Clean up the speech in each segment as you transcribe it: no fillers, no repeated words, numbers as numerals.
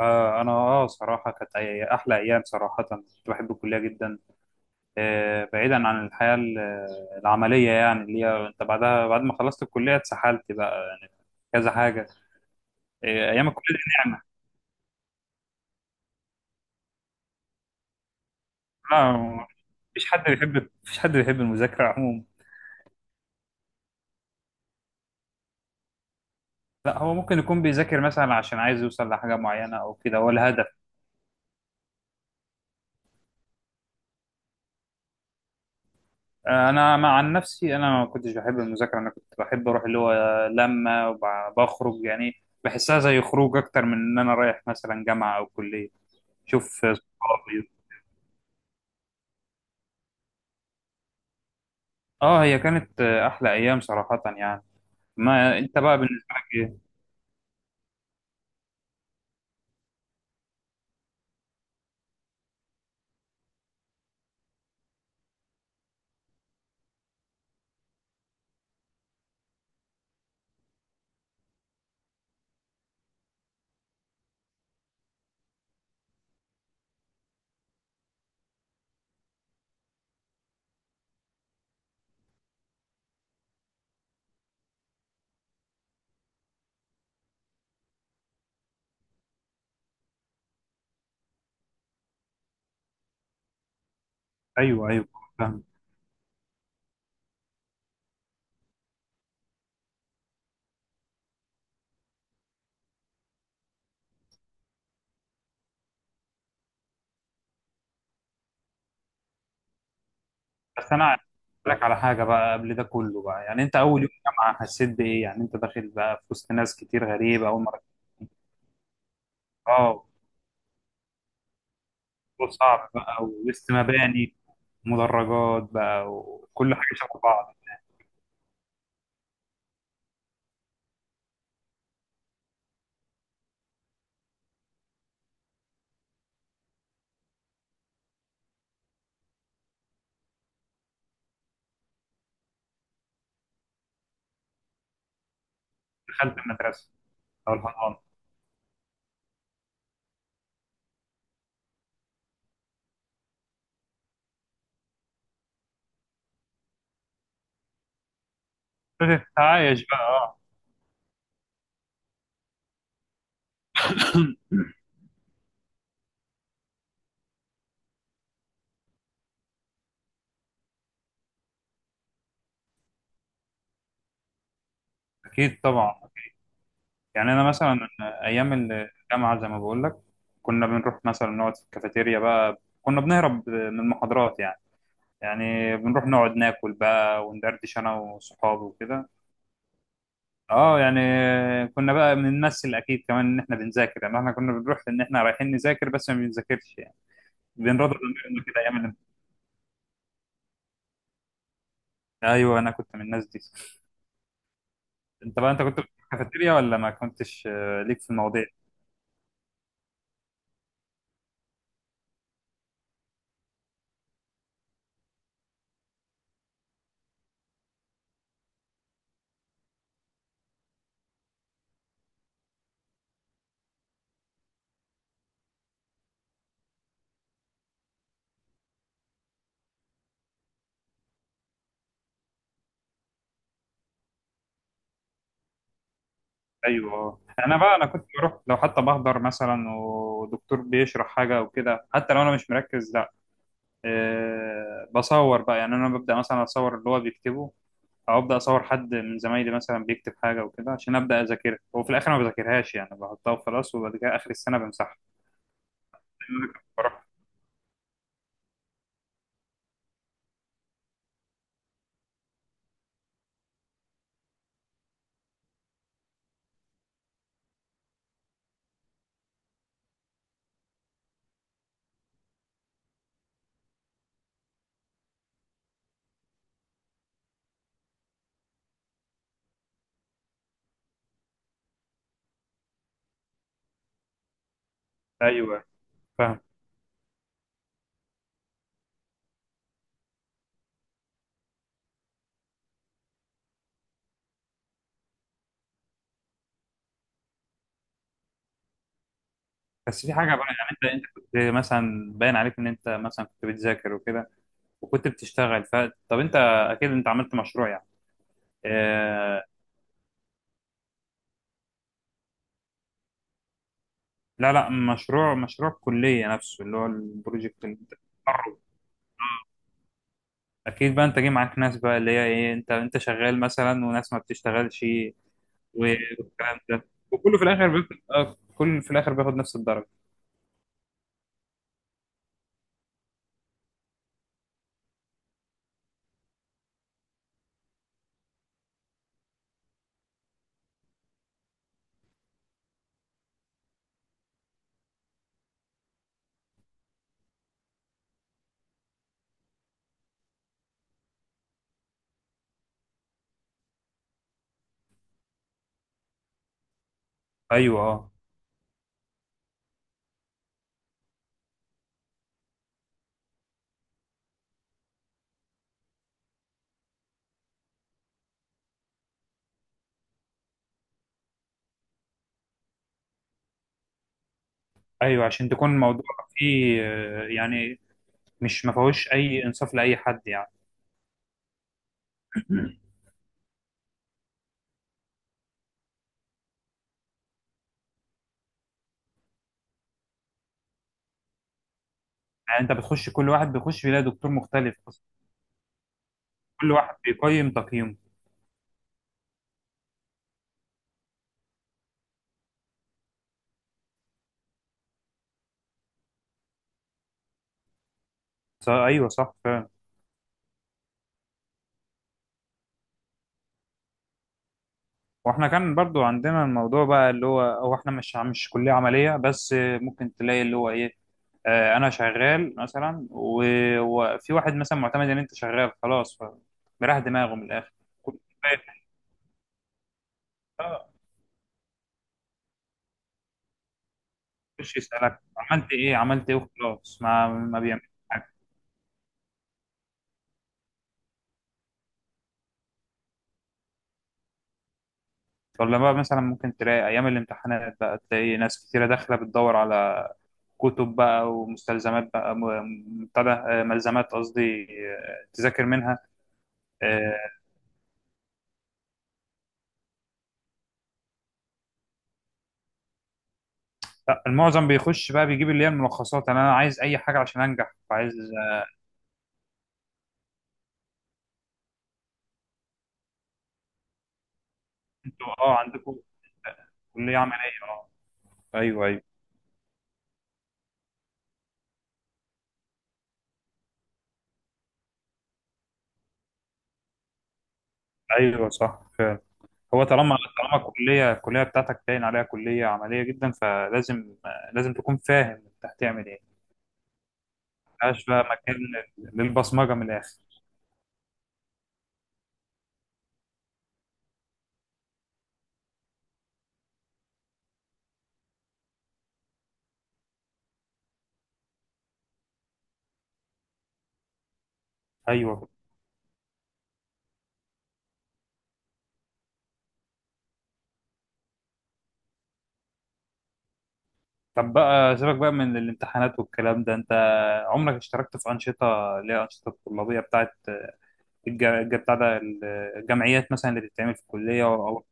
انا صراحه احلى ايام صراحه كنت بحب الكليه جدا. بعيدا عن العمليه، يعني اللي هي انت بعدها بعد ما خلصت الكليه اتسحلت بقى يعني. كذا حاجه. ايام الكليه دي نعمه. آه، مفيش حد بيحب المذاكره عموما. لا، هو ممكن يكون بيذاكر مثلا عشان عايز يوصل لحاجه معينه او كده هو الهدف. انا مع عن نفسي، انا ما كنتش بحب المذاكره، انا كنت بحب اروح اللي هو لما وبخرج يعني. بحسها زي خروج اكتر من ان انا رايح مثلا جامعه او كليه، شوف صحابي. اه، هي كانت احلى ايام صراحه يعني. ما انت بقى بالنسبه لك ايه؟ ايوه، ايوه، فاهم. بس انا عايز أقول لك على حاجه بقى قبل ده كله بقى، يعني انت اول يوم جامعه حسيت بايه؟ يعني انت داخل بقى في وسط ناس كتير غريبه اول مره. اه. مشروع صعب بقى ووسط مباني، مدرجات بقى وكل حاجة شبه بعض. دخلت المدرسة أو الحضانة. ابتديت أتعايش بقى، أه. أكيد طبعا. يعني أنا مثلا أيام الجامعة زي ما بقول لك، كنا بنروح مثلا نقعد في الكافيتيريا بقى، كنا بنهرب من المحاضرات يعني. يعني بنروح نقعد ناكل بقى وندردش أنا وصحابي وكده. اه، يعني كنا بقى بنمثل اكيد كمان ان احنا بنذاكر، يعني احنا كنا بنروح ان احنا رايحين نذاكر بس ما بنذاكرش يعني. بين رضا زمان كده ايام الامتحان. ايوه، انا كنت من الناس دي. انت بقى انت كنت في الكافيتيريا ولا ما كنتش ليك في المواضيع دي؟ ايوه، آه. انا بقى انا كنت بروح لو حتى بحضر مثلا، ودكتور بيشرح حاجه او كده حتى لو انا مش مركز، لا. أه، بصور بقى، يعني انا ببدا مثلا اصور اللي هو بيكتبه، او ابدا اصور حد من زمايلي مثلا بيكتب حاجه وكده عشان ابدا اذاكرها، وفي الاخر ما بذاكرهاش يعني، بحطها وخلاص، وبعد كده اخر السنه بمسحها. بروح. ايوه، فاهم. بس في حاجة بقى، يعني انت كنت مثلا باين عليك ان انت مثلا كنت بتذاكر وكده وكنت بتشتغل، ف طب انت اكيد انت عملت مشروع يعني. اه... لا لا، مشروع مشروع كلية نفسه اللي هو البروجكت اللي انت بتقرب. اكيد بقى انت جاي معاك ناس بقى اللي هي ايه، انت شغال مثلا وناس ما بتشتغلش و- والكلام ده. وكله في الاخر بياخد كله في الاخر بياخد نفس الدرجة. ايوه، اه، ايوه، عشان تكون الموضوع فيه يعني، مش ما فيهوش اي انصاف لاي حد يعني. يعني انت بتخش كل واحد بيخش بيلاقي دكتور مختلف اصلا. كل واحد بيقيم تقييمه. ايوه، صح فعلا. واحنا كان برضو عندنا الموضوع بقى اللي هو احنا مش كلية عملية بس، ممكن تلاقي اللي هو ايه. انا شغال مثلا وفي واحد مثلا معتمد ان انت شغال خلاص، فمريح دماغه من الاخر. كل واحد، اه، يخش يسالك عملت ايه عملت ايه وخلاص، ما بيعملش حاجه. ولا بقى مثلا ممكن تلاقي ايام الامتحانات بقى تلاقي ناس كتيره داخله بتدور على كتب بقى ومستلزمات بقى بتاع ده، ملزمات قصدي، تذاكر منها. آه، لا، المعظم بيخش بقى بيجيب اللي هي الملخصات. انا أنا عايز اي حاجه عشان انجح عايز. انتوا اه عندكم كليه عمليه. اه، ايوه، ايوه. ايوه، صح فعلا. هو طالما الكليه بتاعتك باين عليها كليه عمليه جدا، فلازم لازم تكون فاهم انت هتعمل ايه. ملهاش بقى مكان للبصمجه من الاخر. ايوه. طب بقى سيبك بقى من الامتحانات والكلام ده، انت عمرك اشتركت في أنشطة اللي هي أنشطة طلابية بتاعت بتاع ده، الجمعيات مثلا اللي بتتعمل في الكلية أو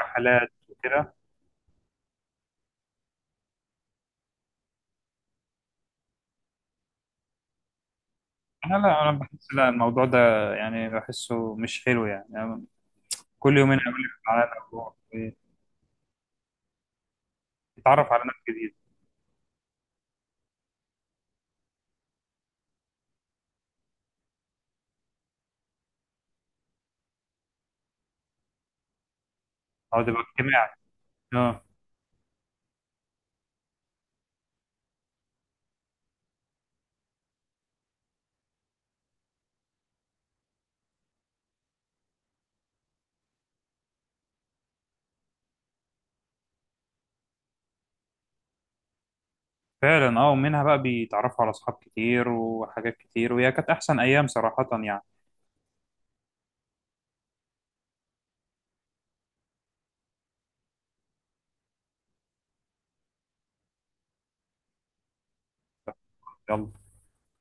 رحلات وكده؟ أنا لا، أنا بحس لا، الموضوع ده يعني بحسه مش حلو يعني, يعني كل يومين أقابل لك على مجموعة. ويتعرف على ناس جديدة أو تبقى اجتماعي. أه. فعلا أه، ومنها بقى بيتعرفوا على أصحاب كتير وحاجات كتير، وهي كانت أحسن أيام صراحة يعني. يلا.